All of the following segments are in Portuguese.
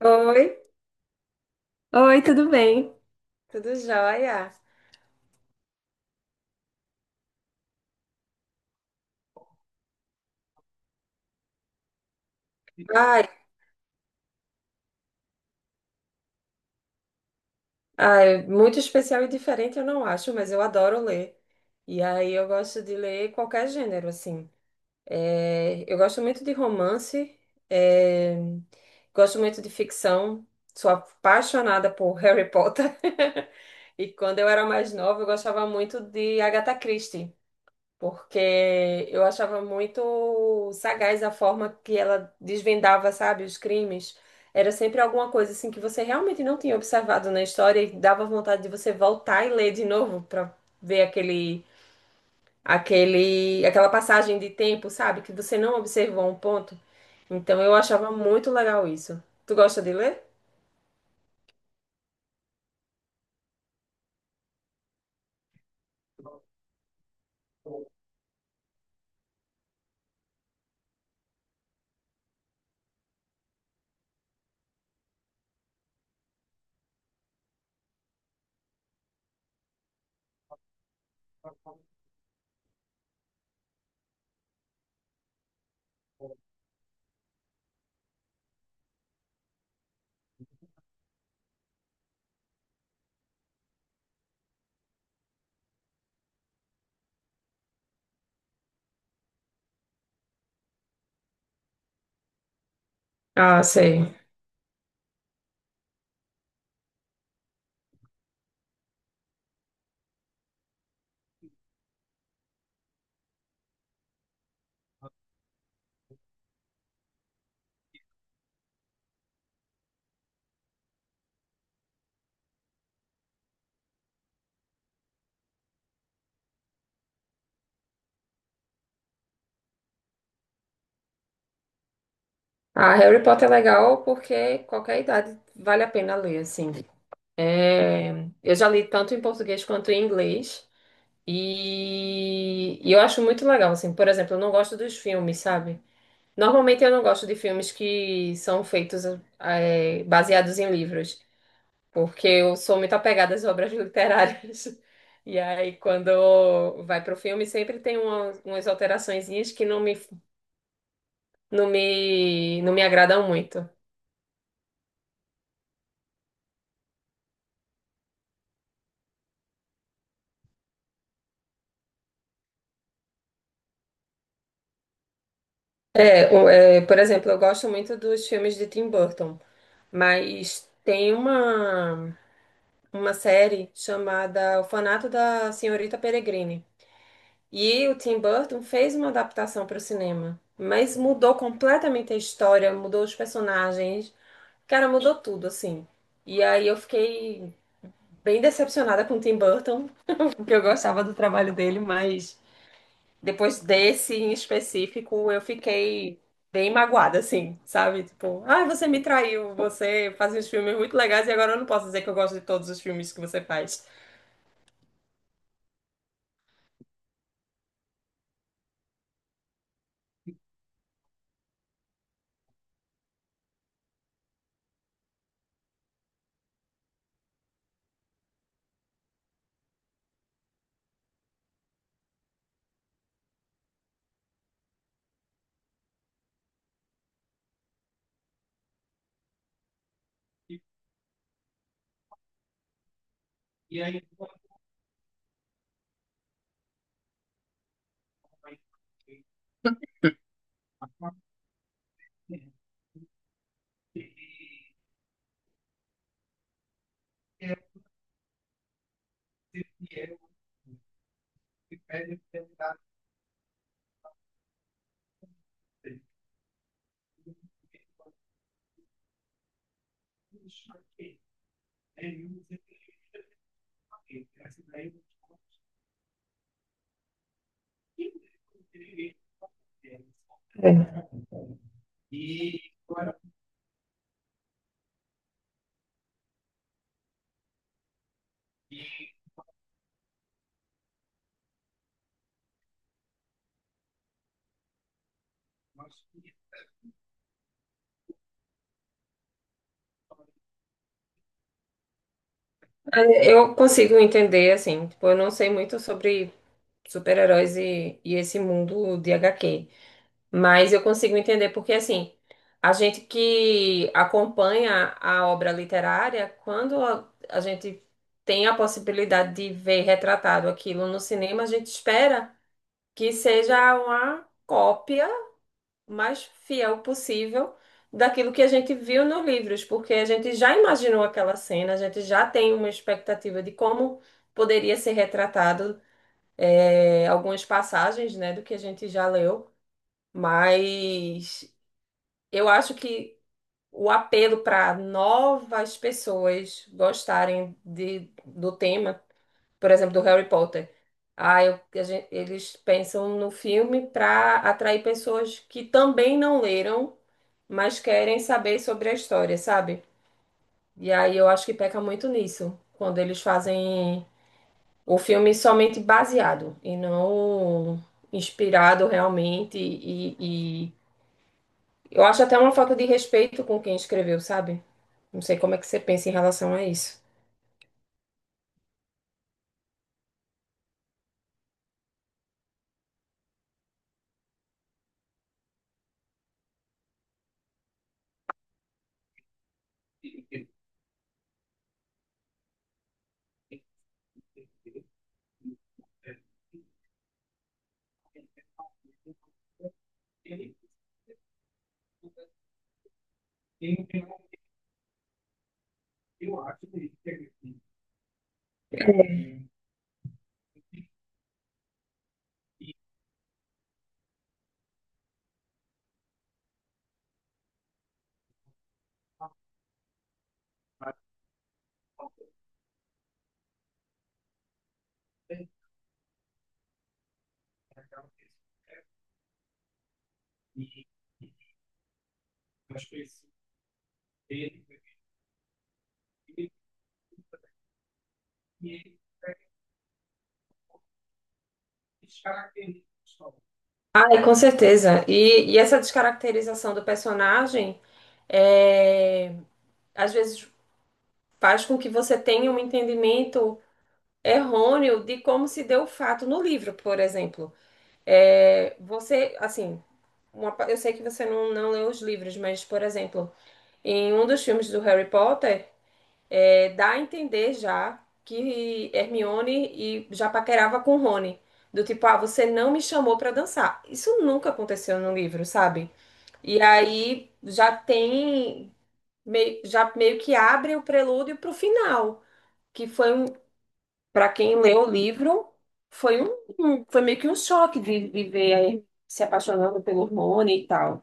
Oi, Oi, tudo bem? Tudo jóia? Ai, ai, muito especial e diferente eu não acho, mas eu adoro ler. E aí eu gosto de ler qualquer gênero, assim. É, eu gosto muito de romance, é, gosto muito de ficção, sou apaixonada por Harry Potter. E quando eu era mais nova, eu gostava muito de Agatha Christie, porque eu achava muito sagaz a forma que ela desvendava, sabe, os crimes. Era sempre alguma coisa assim que você realmente não tinha observado na história e dava vontade de você voltar e ler de novo para ver aquela passagem de tempo, sabe, que você não observou um ponto. Então eu achava muito legal isso. Tu gosta de ler? Ah, sei. Ah, Harry Potter é legal porque qualquer idade vale a pena ler, assim. É, eu já li tanto em português quanto em inglês e eu acho muito legal, assim, por exemplo, eu não gosto dos filmes, sabe? Normalmente eu não gosto de filmes que são feitos, é, baseados em livros, porque eu sou muito apegada às obras literárias. E aí, quando vai pro filme, sempre tem umas alteraçõezinhas que não me agradam muito. É, é, por exemplo, eu gosto muito dos filmes de Tim Burton. Mas tem uma série chamada Orfanato da Senhorita Peregrine. E o Tim Burton fez uma adaptação para o cinema, mas mudou completamente a história, mudou os personagens, cara, mudou tudo, assim. E aí eu fiquei bem decepcionada com o Tim Burton, porque eu gostava do trabalho dele, mas depois desse em específico, eu fiquei bem magoada, assim, sabe? Tipo, ah, você me traiu, você faz uns filmes muito legais e agora eu não posso dizer que eu gosto de todos os filmes que você faz. Eu consigo entender, assim, tipo, eu não sei muito sobre super-heróis e esse mundo de HQ. Mas eu consigo entender porque, assim, a gente que acompanha a obra literária, quando a gente tem a possibilidade de ver retratado aquilo no cinema, a gente espera que seja uma cópia mais fiel possível daquilo que a gente viu nos livros, porque a gente já imaginou aquela cena, a gente já tem uma expectativa de como poderia ser retratado, algumas passagens, né, do que a gente já leu. Mas eu acho que o apelo para novas pessoas gostarem do tema, por exemplo, do Harry Potter. Ah, eles pensam no filme para atrair pessoas que também não leram, mas querem saber sobre a história, sabe? E aí eu acho que peca muito nisso, quando eles fazem o filme somente baseado e não inspirado realmente e eu acho até uma falta de respeito com quem escreveu, sabe? Não sei como é que você pensa em relação a isso. Ai, com certeza. E essa descaracterização do personagem, é, às vezes faz com que você tenha um entendimento errôneo de como se deu o fato no livro, por exemplo. É, você, assim, eu sei que você não leu os livros, mas, por exemplo, em um dos filmes do Harry Potter. É, dá a entender já que Hermione e já paquerava com Rony. Do tipo, ah, você não me chamou pra dançar. Isso nunca aconteceu no livro, sabe? E aí já tem, meio, já meio que abre o prelúdio pro final, que foi um, para quem leu o livro, foi foi meio que um choque de viver aí se apaixonando pelo Rony e tal.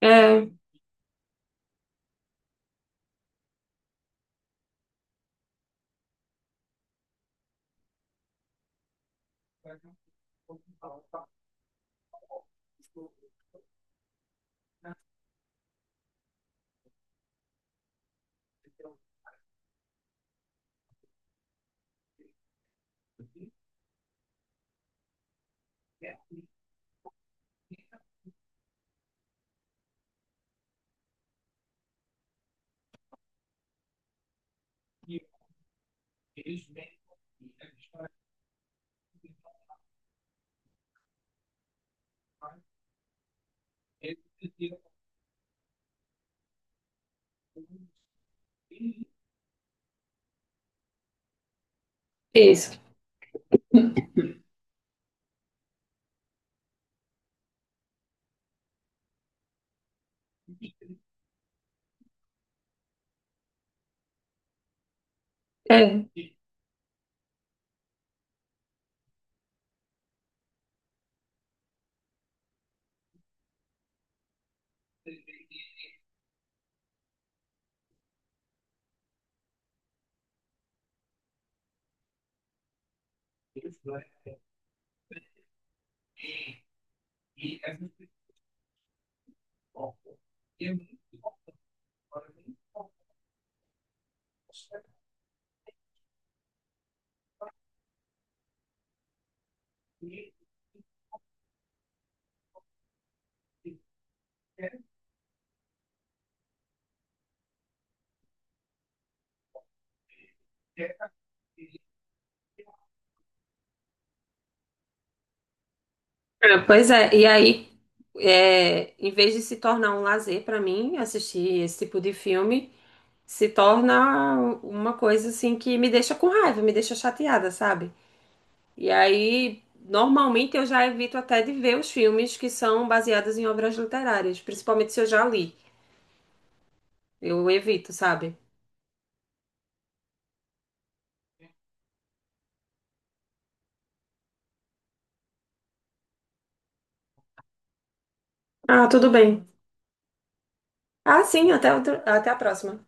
É, isso. É. É, pois é, e aí, é, em vez de se tornar um lazer para mim, assistir esse tipo de filme, se torna uma coisa assim que me deixa com raiva, me deixa chateada, sabe? E aí, normalmente eu já evito até de ver os filmes que são baseados em obras literárias, principalmente se eu já li. Eu evito, sabe? Ah, tudo bem. Ah, sim, até a próxima.